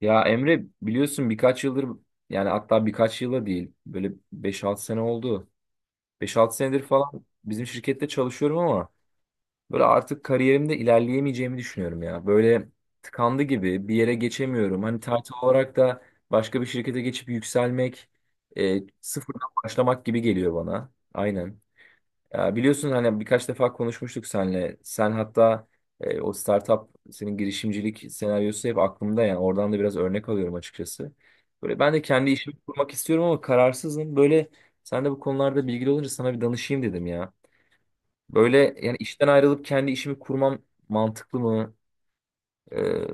Ya Emre biliyorsun birkaç yıldır yani hatta birkaç yıla değil böyle beş altı sene oldu. Beş altı senedir falan bizim şirkette çalışıyorum ama böyle artık kariyerimde ilerleyemeyeceğimi düşünüyorum ya. Böyle tıkandı gibi bir yere geçemiyorum. Hani title olarak da başka bir şirkete geçip yükselmek sıfırdan başlamak gibi geliyor bana. Aynen. Ya biliyorsun hani birkaç defa konuşmuştuk seninle. Sen hatta o startup senin girişimcilik senaryosu hep aklımda yani oradan da biraz örnek alıyorum açıkçası. Böyle ben de kendi işimi kurmak istiyorum ama kararsızım. Böyle sen de bu konularda bilgili olunca sana bir danışayım dedim ya. Böyle yani işten ayrılıp kendi işimi kurmam mantıklı mı? Ee,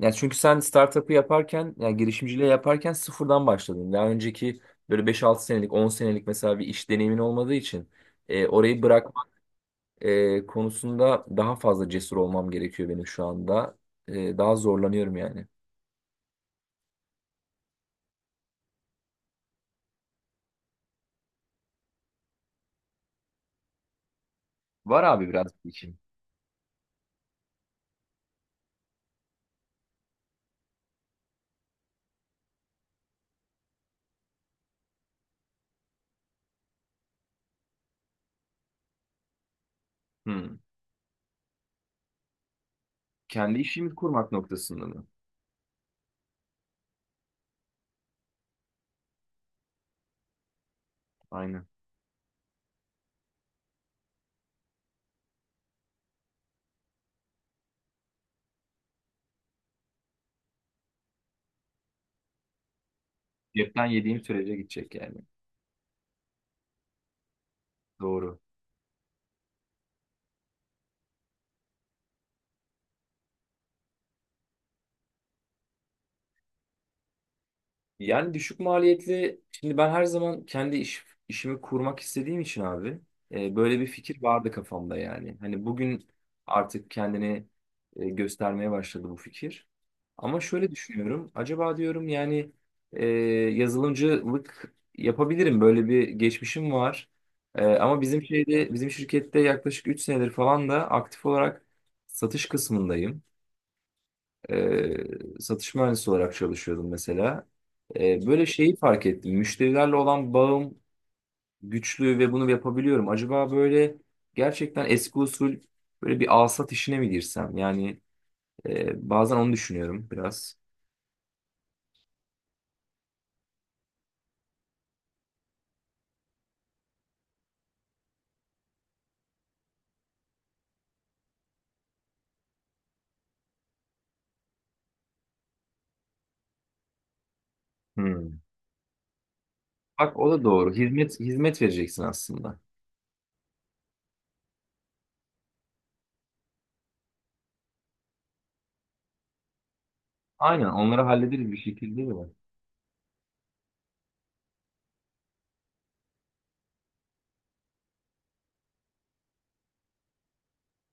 Yani çünkü sen startup'ı yaparken yani girişimciliği yaparken sıfırdan başladın. Daha önceki böyle beş altı senelik 10 senelik mesela bir iş deneyimin olmadığı için orayı bırak konusunda daha fazla cesur olmam gerekiyor benim şu anda. Daha zorlanıyorum yani. Var abi biraz bir işim. Hmm. Kendi işimi kurmak noktasında mı? Aynen. Cepten yediğim sürece gidecek yani. Doğru. Yani düşük maliyetli şimdi ben her zaman kendi işimi kurmak istediğim için abi böyle bir fikir vardı kafamda yani. Hani bugün artık kendini göstermeye başladı bu fikir. Ama şöyle düşünüyorum. Acaba diyorum yani e, yazılımcılık yapabilirim. Böyle bir geçmişim var. Ama bizim şirkette yaklaşık 3 senedir falan da aktif olarak satış kısmındayım. Satış mühendisi olarak çalışıyordum mesela. Böyle şeyi fark ettim. Müşterilerle olan bağım güçlü ve bunu yapabiliyorum. Acaba böyle gerçekten eski usul böyle bir alsat işine mi girsem? Yani bazen onu düşünüyorum biraz. Hmm. Bak o da doğru. Hizmet vereceksin aslında. Aynen onları hallederiz bir şekilde de.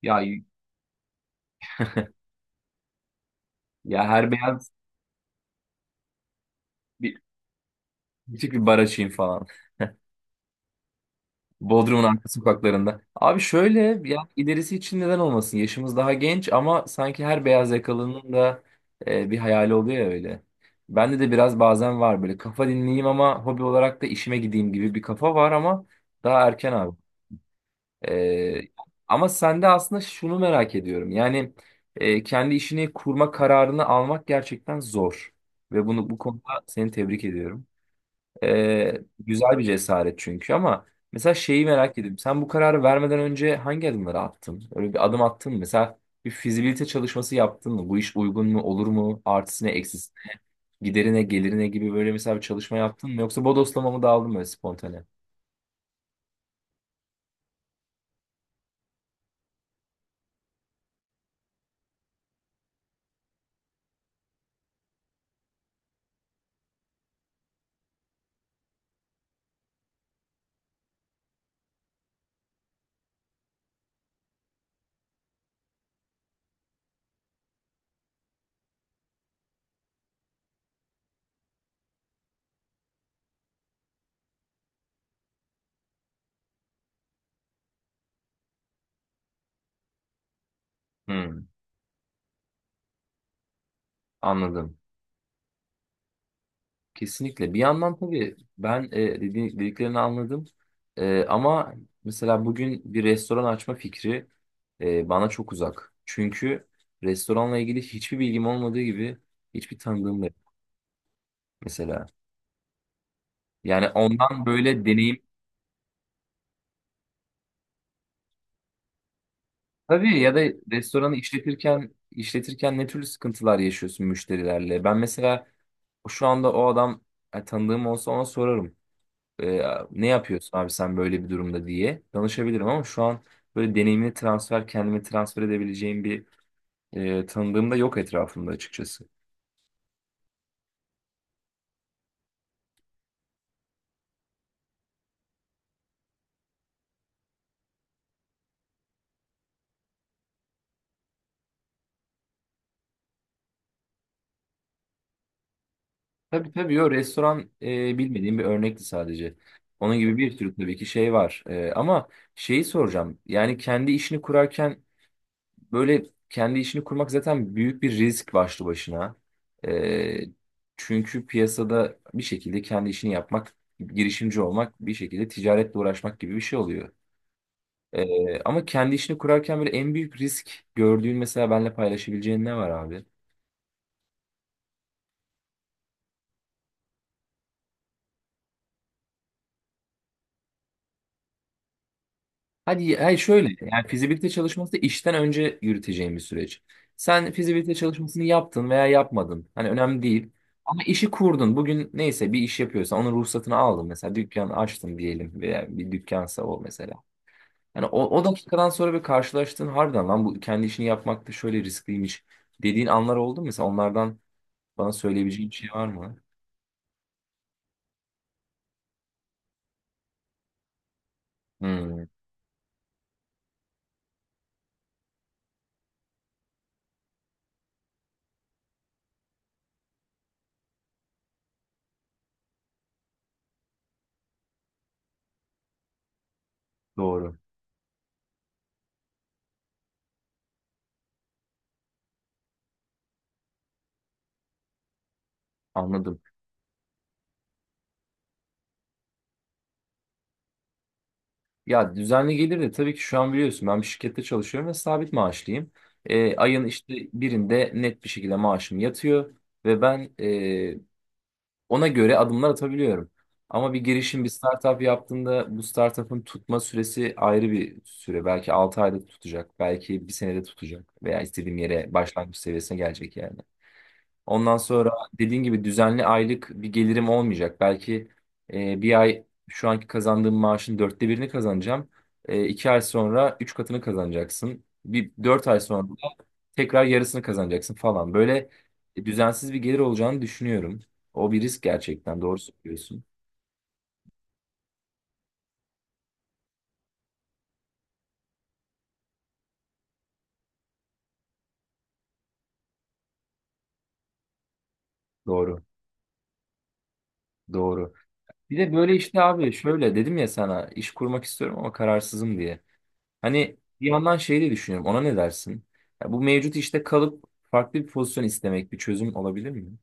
Ya ya her beyaz bir küçük bir bar açayım falan. Bodrum'un arka sokaklarında. Abi şöyle yani ilerisi için neden olmasın? Yaşımız daha genç ama sanki her beyaz yakalının da bir hayali oluyor ya öyle. Bende de biraz bazen var böyle kafa dinleyeyim ama hobi olarak da işime gideyim gibi bir kafa var ama daha erken abi. E, Ama sende aslında şunu merak ediyorum. Yani kendi işini kurma kararını almak gerçekten zor. Ve bunu bu konuda seni tebrik ediyorum. Güzel bir cesaret çünkü ama mesela şeyi merak ediyorum. Sen bu kararı vermeden önce hangi adımları attın? Öyle bir adım attın mı? Mesela bir fizibilite çalışması yaptın mı? Bu iş uygun mu? Olur mu? Artısı ne? Eksisi? Giderine, gelirine gibi böyle mesela bir çalışma yaptın mı? Yoksa bodoslama mı daldın böyle spontane? Hmm, anladım. Kesinlikle. Bir yandan tabii ben dediklerini anladım. Ama mesela bugün bir restoran açma fikri bana çok uzak. Çünkü restoranla ilgili hiçbir bilgim olmadığı gibi hiçbir tanıdığım da yok mesela. Yani ondan böyle deneyim tabii ya da restoranı işletirken ne türlü sıkıntılar yaşıyorsun müşterilerle? Ben mesela şu anda tanıdığım olsa ona sorarım. e, ne yapıyorsun abi sen böyle bir durumda diye danışabilirim ama şu an böyle deneyimli transfer kendimi transfer edebileceğim bir tanıdığım da yok etrafımda açıkçası. Tabii tabii yo restoran bilmediğim bir örnekti sadece. Onun gibi bir sürü tabii ki şey var. Ama şeyi soracağım. Yani kendi işini kurarken böyle kendi işini kurmak zaten büyük bir risk başlı başına. E, Çünkü piyasada bir şekilde kendi işini yapmak, girişimci olmak bir şekilde ticaretle uğraşmak gibi bir şey oluyor. Ama kendi işini kurarken böyle en büyük risk gördüğün mesela benimle paylaşabileceğin ne var abi? Hadi, hayır şöyle yani fizibilite çalışması da işten önce yürüteceğin bir süreç. Sen fizibilite çalışmasını yaptın veya yapmadın. Hani önemli değil. Ama işi kurdun. Bugün neyse bir iş yapıyorsan onun ruhsatını aldın. Mesela dükkan açtın diyelim veya bir dükkansa o mesela. Yani o dakikadan sonra bir karşılaştığın harbiden lan bu kendi işini yapmak da şöyle riskliymiş dediğin anlar oldu mu? Mesela onlardan bana söyleyebileceğin bir şey var mı? Hmm, doğru. Anladım. Ya düzenli gelir de tabii ki şu an biliyorsun ben bir şirkette çalışıyorum ve sabit maaşlıyım. Ayın işte birinde net bir şekilde maaşım yatıyor ve ben ona göre adımlar atabiliyorum. Ama bir girişim bir startup yaptığında bu startup'ın tutma süresi ayrı bir süre. Belki 6 ayda tutacak, belki bir senede tutacak veya istediğim yere başlangıç seviyesine gelecek yani. Ondan sonra dediğin gibi düzenli aylık bir gelirim olmayacak. Belki bir ay şu anki kazandığım maaşın dörtte birini kazanacağım. 2 ay sonra 3 katını kazanacaksın. Bir 4 ay sonra da tekrar yarısını kazanacaksın falan. Böyle düzensiz bir gelir olacağını düşünüyorum. O bir risk gerçekten. Doğru söylüyorsun. Doğru. Doğru. Bir de böyle işte abi şöyle dedim ya sana iş kurmak istiyorum ama kararsızım diye. Hani bir yandan şey de düşünüyorum. Ona ne dersin? Ya bu mevcut işte kalıp farklı bir pozisyon istemek bir çözüm olabilir mi?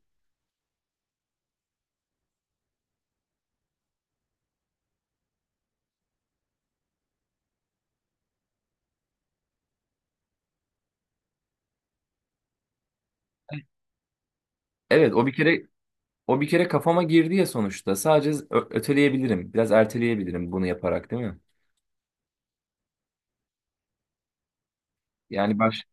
Evet, o bir kere kafama girdi ya sonuçta. Sadece öteleyebilirim. Biraz erteleyebilirim bunu yaparak, değil mi? Yani baş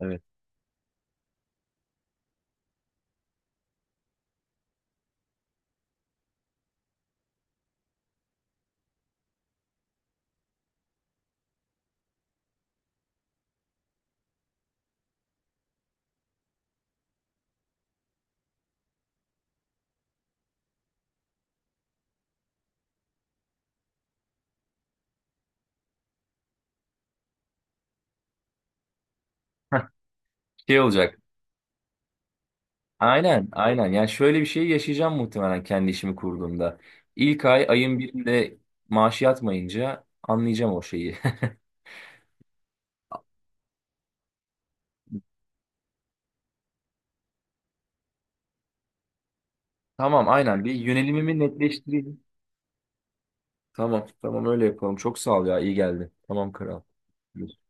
Evet. Heh, şey olacak. Aynen, aynen. Yani şöyle bir şey yaşayacağım muhtemelen kendi işimi kurduğumda. İlk ay ayın birinde maaşı yatmayınca anlayacağım o şeyi. Tamam, aynen. Bir yönelimimi netleştireyim. Tamam, tamam öyle yapalım. Çok sağ ol ya, iyi geldi. Tamam kral. Evet.